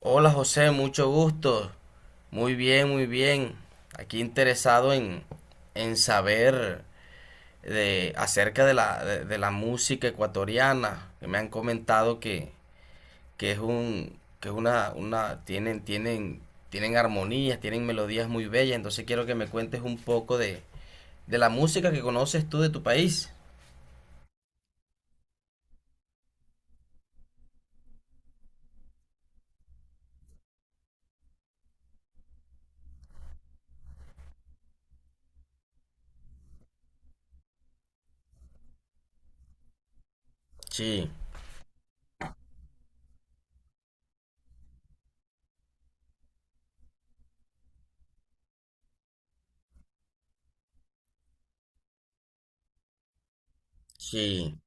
Hola José, mucho gusto. Muy bien, muy bien. Aquí interesado en saber acerca de la música ecuatoriana, que me han comentado que es un, que es una, tienen, tienen, tienen armonías, tienen melodías muy bellas, entonces quiero que me cuentes un poco de la música que conoces tú de tu país. Sí, sí,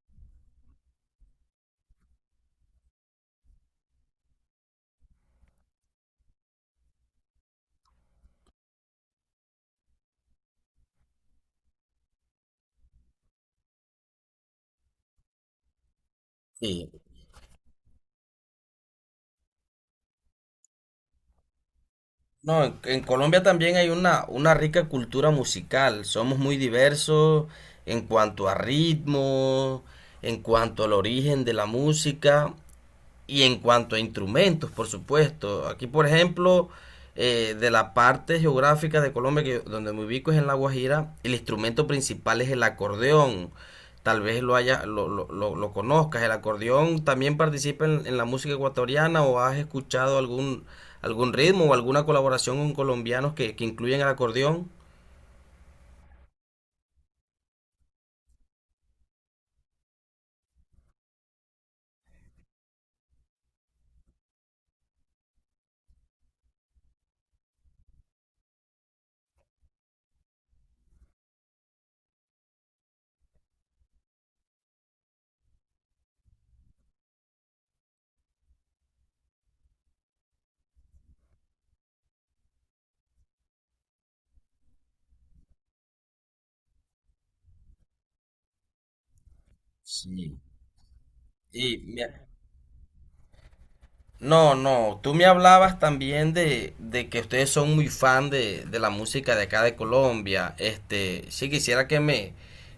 sí. No, en Colombia también hay una rica cultura musical. Somos muy diversos en cuanto a ritmo, en cuanto al origen de la música. Y en cuanto a instrumentos, por supuesto, aquí por ejemplo, de la parte geográfica de Colombia, donde me ubico es en La Guajira, el instrumento principal es el acordeón. Tal vez lo, haya, lo conozcas. El acordeón también participa en la música ecuatoriana, o has escuchado algún ritmo o alguna colaboración con colombianos que incluyen el acordeón. Sí. Y mira, no, no, tú me hablabas también de que ustedes son muy fan de la música de acá de Colombia. Sí quisiera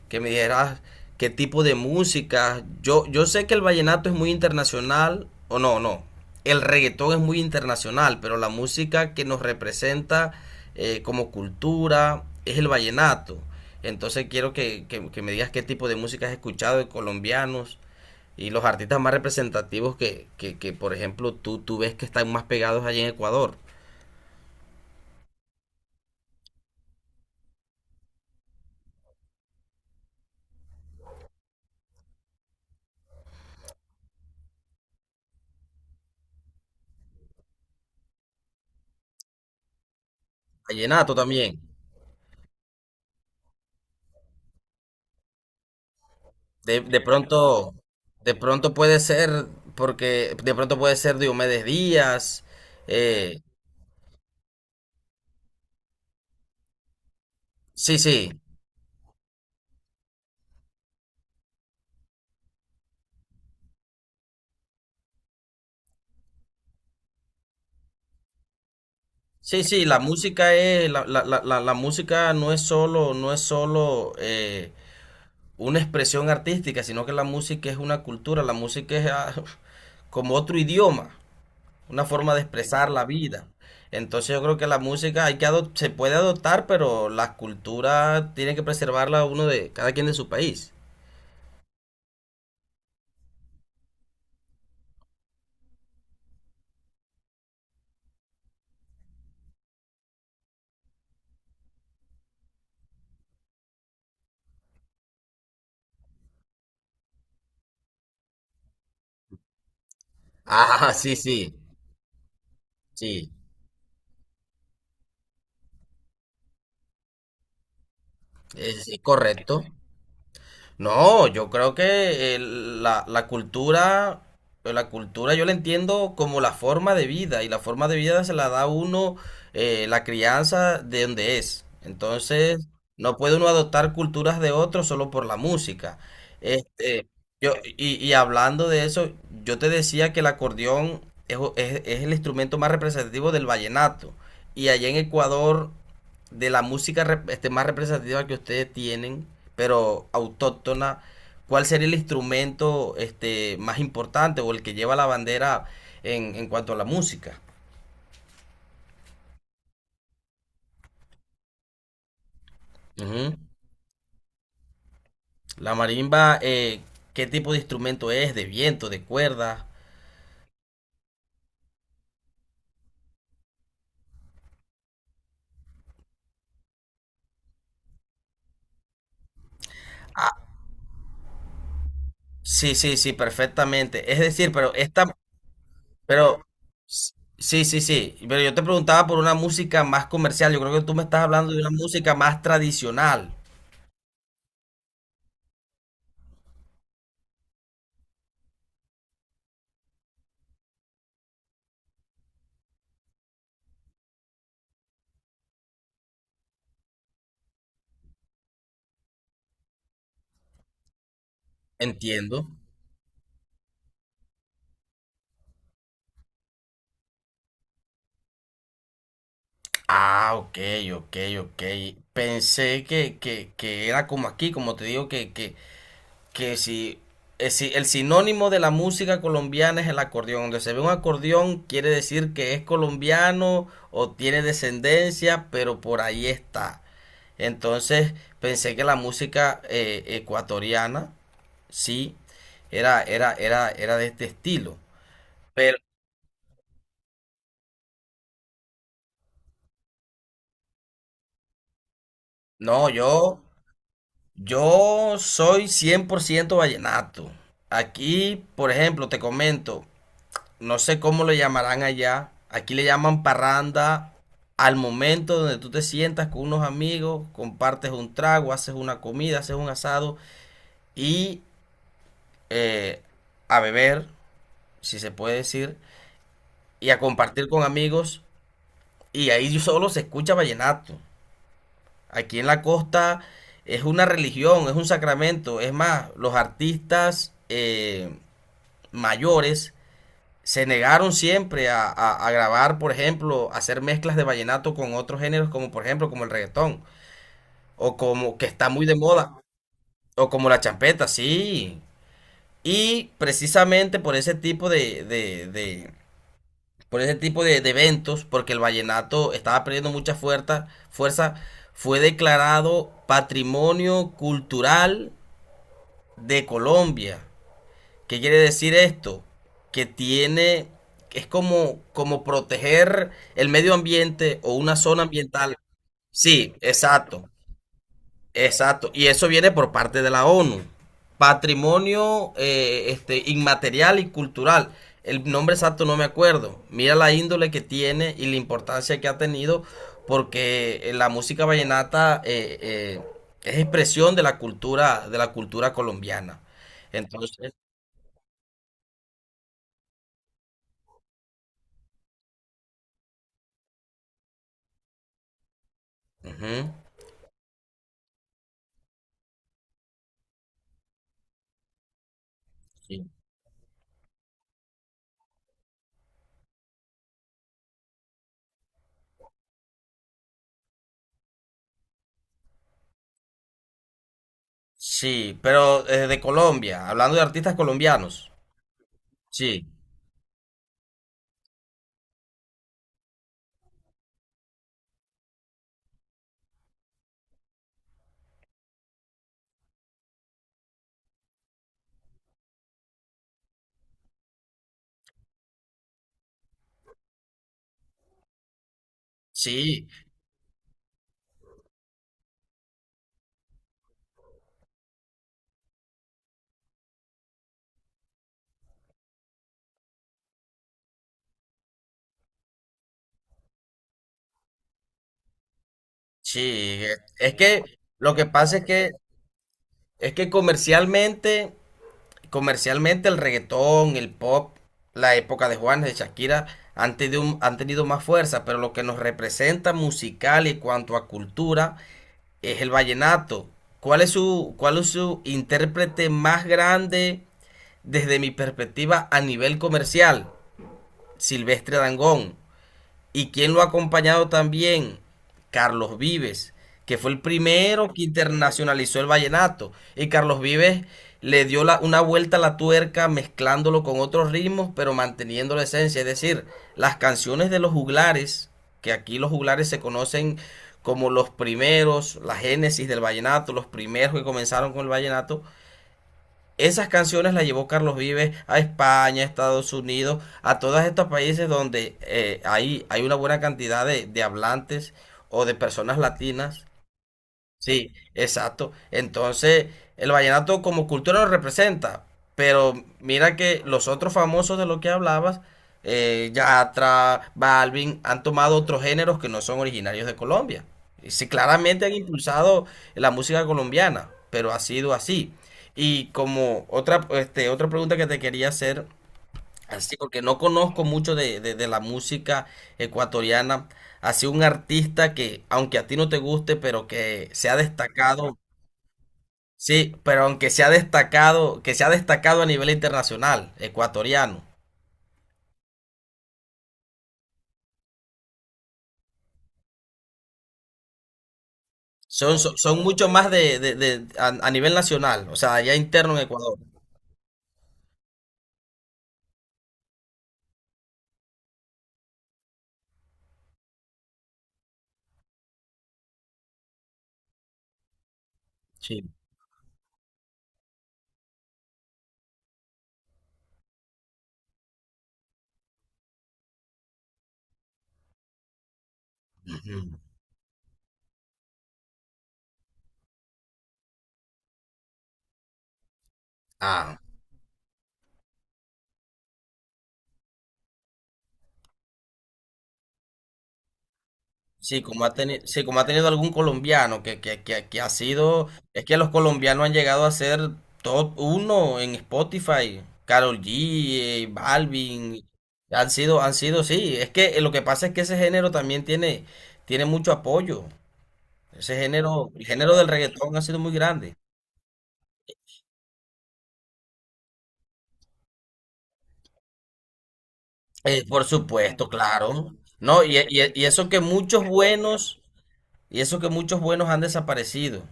que me dijeras qué tipo de música. Yo sé que el vallenato es muy internacional, o no, no. El reggaetón es muy internacional, pero la música que nos representa como cultura es el vallenato. Entonces quiero que me digas qué tipo de música has escuchado de colombianos y los artistas más representativos que, por ejemplo, tú ves que están más pegados allí en Ecuador. Vallenato también. De pronto, de pronto puede ser, porque de pronto puede ser Diomedes Díaz. eh, sí, sí. Sí, sí, la música es, la- la- la- la música no es solo, una expresión artística, sino que la música es una cultura, la música es como otro idioma. Una forma de expresar la vida. Entonces yo creo que la música hay que se puede adoptar, pero las culturas tienen que preservarla uno de cada quien de su país. Ah, sí, sí, sí, es correcto. No, yo creo que la cultura yo la entiendo como la forma de vida, y la forma de vida se la da uno, la crianza de donde es. Entonces, no puede uno adoptar culturas de otros solo por la música. Este, y hablando de eso, yo te decía que el acordeón es el instrumento más representativo del vallenato. Y allá en Ecuador, de la música más representativa que ustedes tienen, pero autóctona, ¿cuál sería el instrumento más importante, o el que lleva la bandera en cuanto a la música? Ujú. La marimba, ¿qué tipo de instrumento es? ¿De viento, de cuerda? Ah, sí, sí, sí, perfectamente. Es decir, pero pero sí, sí, sí. Pero yo te preguntaba por una música más comercial. Yo creo que tú me estás hablando de una música más tradicional. Entiendo. Ah, ok, ok, ok. Pensé que era como aquí, como te digo, que si si el sinónimo de la música colombiana es el acordeón. Donde se ve un acordeón quiere decir que es colombiano o tiene descendencia, pero por ahí está. Entonces pensé que la música ecuatoriana, sí, era de este estilo. Pero no, yo... Yo soy 100% vallenato. Aquí, por ejemplo, te comento, no sé cómo lo llamarán allá. Aquí le llaman parranda al momento donde tú te sientas con unos amigos, compartes un trago, haces una comida, haces un asado y eh, a beber, si se puede decir, y a compartir con amigos. Y ahí solo se escucha vallenato. Aquí en la costa es una religión, es un sacramento. Es más, los artistas... mayores se negaron siempre a grabar, por ejemplo, hacer mezclas de vallenato con otros géneros, como por ejemplo, como el reggaetón, o como que está muy de moda, o como la champeta, sí. Y precisamente por ese tipo por ese tipo de eventos, porque el vallenato estaba perdiendo mucha fuerza, fue declarado Patrimonio Cultural de Colombia. ¿Qué quiere decir esto? Que tiene, es como proteger el medio ambiente o una zona ambiental. Sí, exacto, exacto. Y eso viene por parte de la ONU. Patrimonio inmaterial y cultural. El nombre exacto no me acuerdo. Mira la índole que tiene y la importancia que ha tenido, porque la música vallenata es expresión de la cultura colombiana. Entonces, ujú, sí. Sí, pero de Colombia, hablando de artistas colombianos. Sí, sí, sí. Es que lo que pasa es que comercialmente el reggaetón, el pop, la época de Juanes, de Shakira, han tenido, han tenido más fuerza, pero lo que nos representa musical y cuanto a cultura es el vallenato. ¿Cuál es su intérprete más grande desde mi perspectiva a nivel comercial? Silvestre Dangond. ¿Y quién lo ha acompañado también? Carlos Vives, que fue el primero que internacionalizó el vallenato. Y Carlos Vives le dio una vuelta a la tuerca mezclándolo con otros ritmos, pero manteniendo la esencia. Es decir, las canciones de los juglares, que aquí los juglares se conocen como los primeros, la génesis del vallenato, los primeros que comenzaron con el vallenato, esas canciones las llevó Carlos Vives a España, a Estados Unidos, a todos estos países donde hay una buena cantidad de hablantes o de personas latinas. Sí, exacto. Entonces, el vallenato como cultura lo representa, pero mira que los otros famosos de los que hablabas, Yatra, Balvin, han tomado otros géneros que no son originarios de Colombia. Y sí, claramente han impulsado la música colombiana, pero ha sido así. Y como otra pregunta que te quería hacer. Así, porque no conozco mucho de la música ecuatoriana. Así, un artista que, aunque a ti no te guste, pero que se ha destacado, sí, pero aunque se ha destacado, que se ha destacado a nivel internacional, ecuatoriano. Son mucho más a nivel nacional, o sea, allá interno en Ecuador. Sí. Ujú. Ah. Sí, como ha tenido, sí, como ha tenido algún colombiano que ha sido, es que los colombianos han llegado a ser top uno en Spotify, Karol G, Balvin, han sido, sí, es que lo que pasa es que ese género también tiene mucho apoyo, ese género, el género del reggaetón ha sido muy grande. Por supuesto, claro. No, y eso que muchos buenos han desaparecido.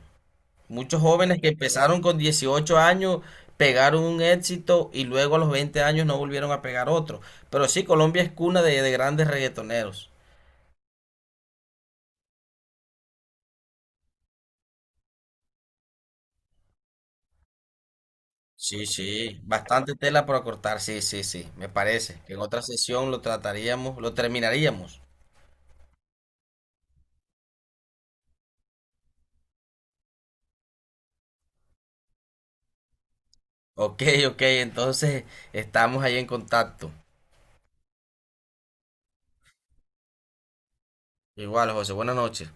Muchos jóvenes que empezaron con 18 años pegaron un éxito y luego, a los 20 años, no volvieron a pegar otro. Pero sí, Colombia es cuna de grandes reggaetoneros. Sí, sí, bastante tela para cortar, sí, sí, sí, me parece que en otra sesión lo trataríamos, lo terminaríamos. Ok, ok, entonces estamos ahí en contacto. Igual, José, buenas noches.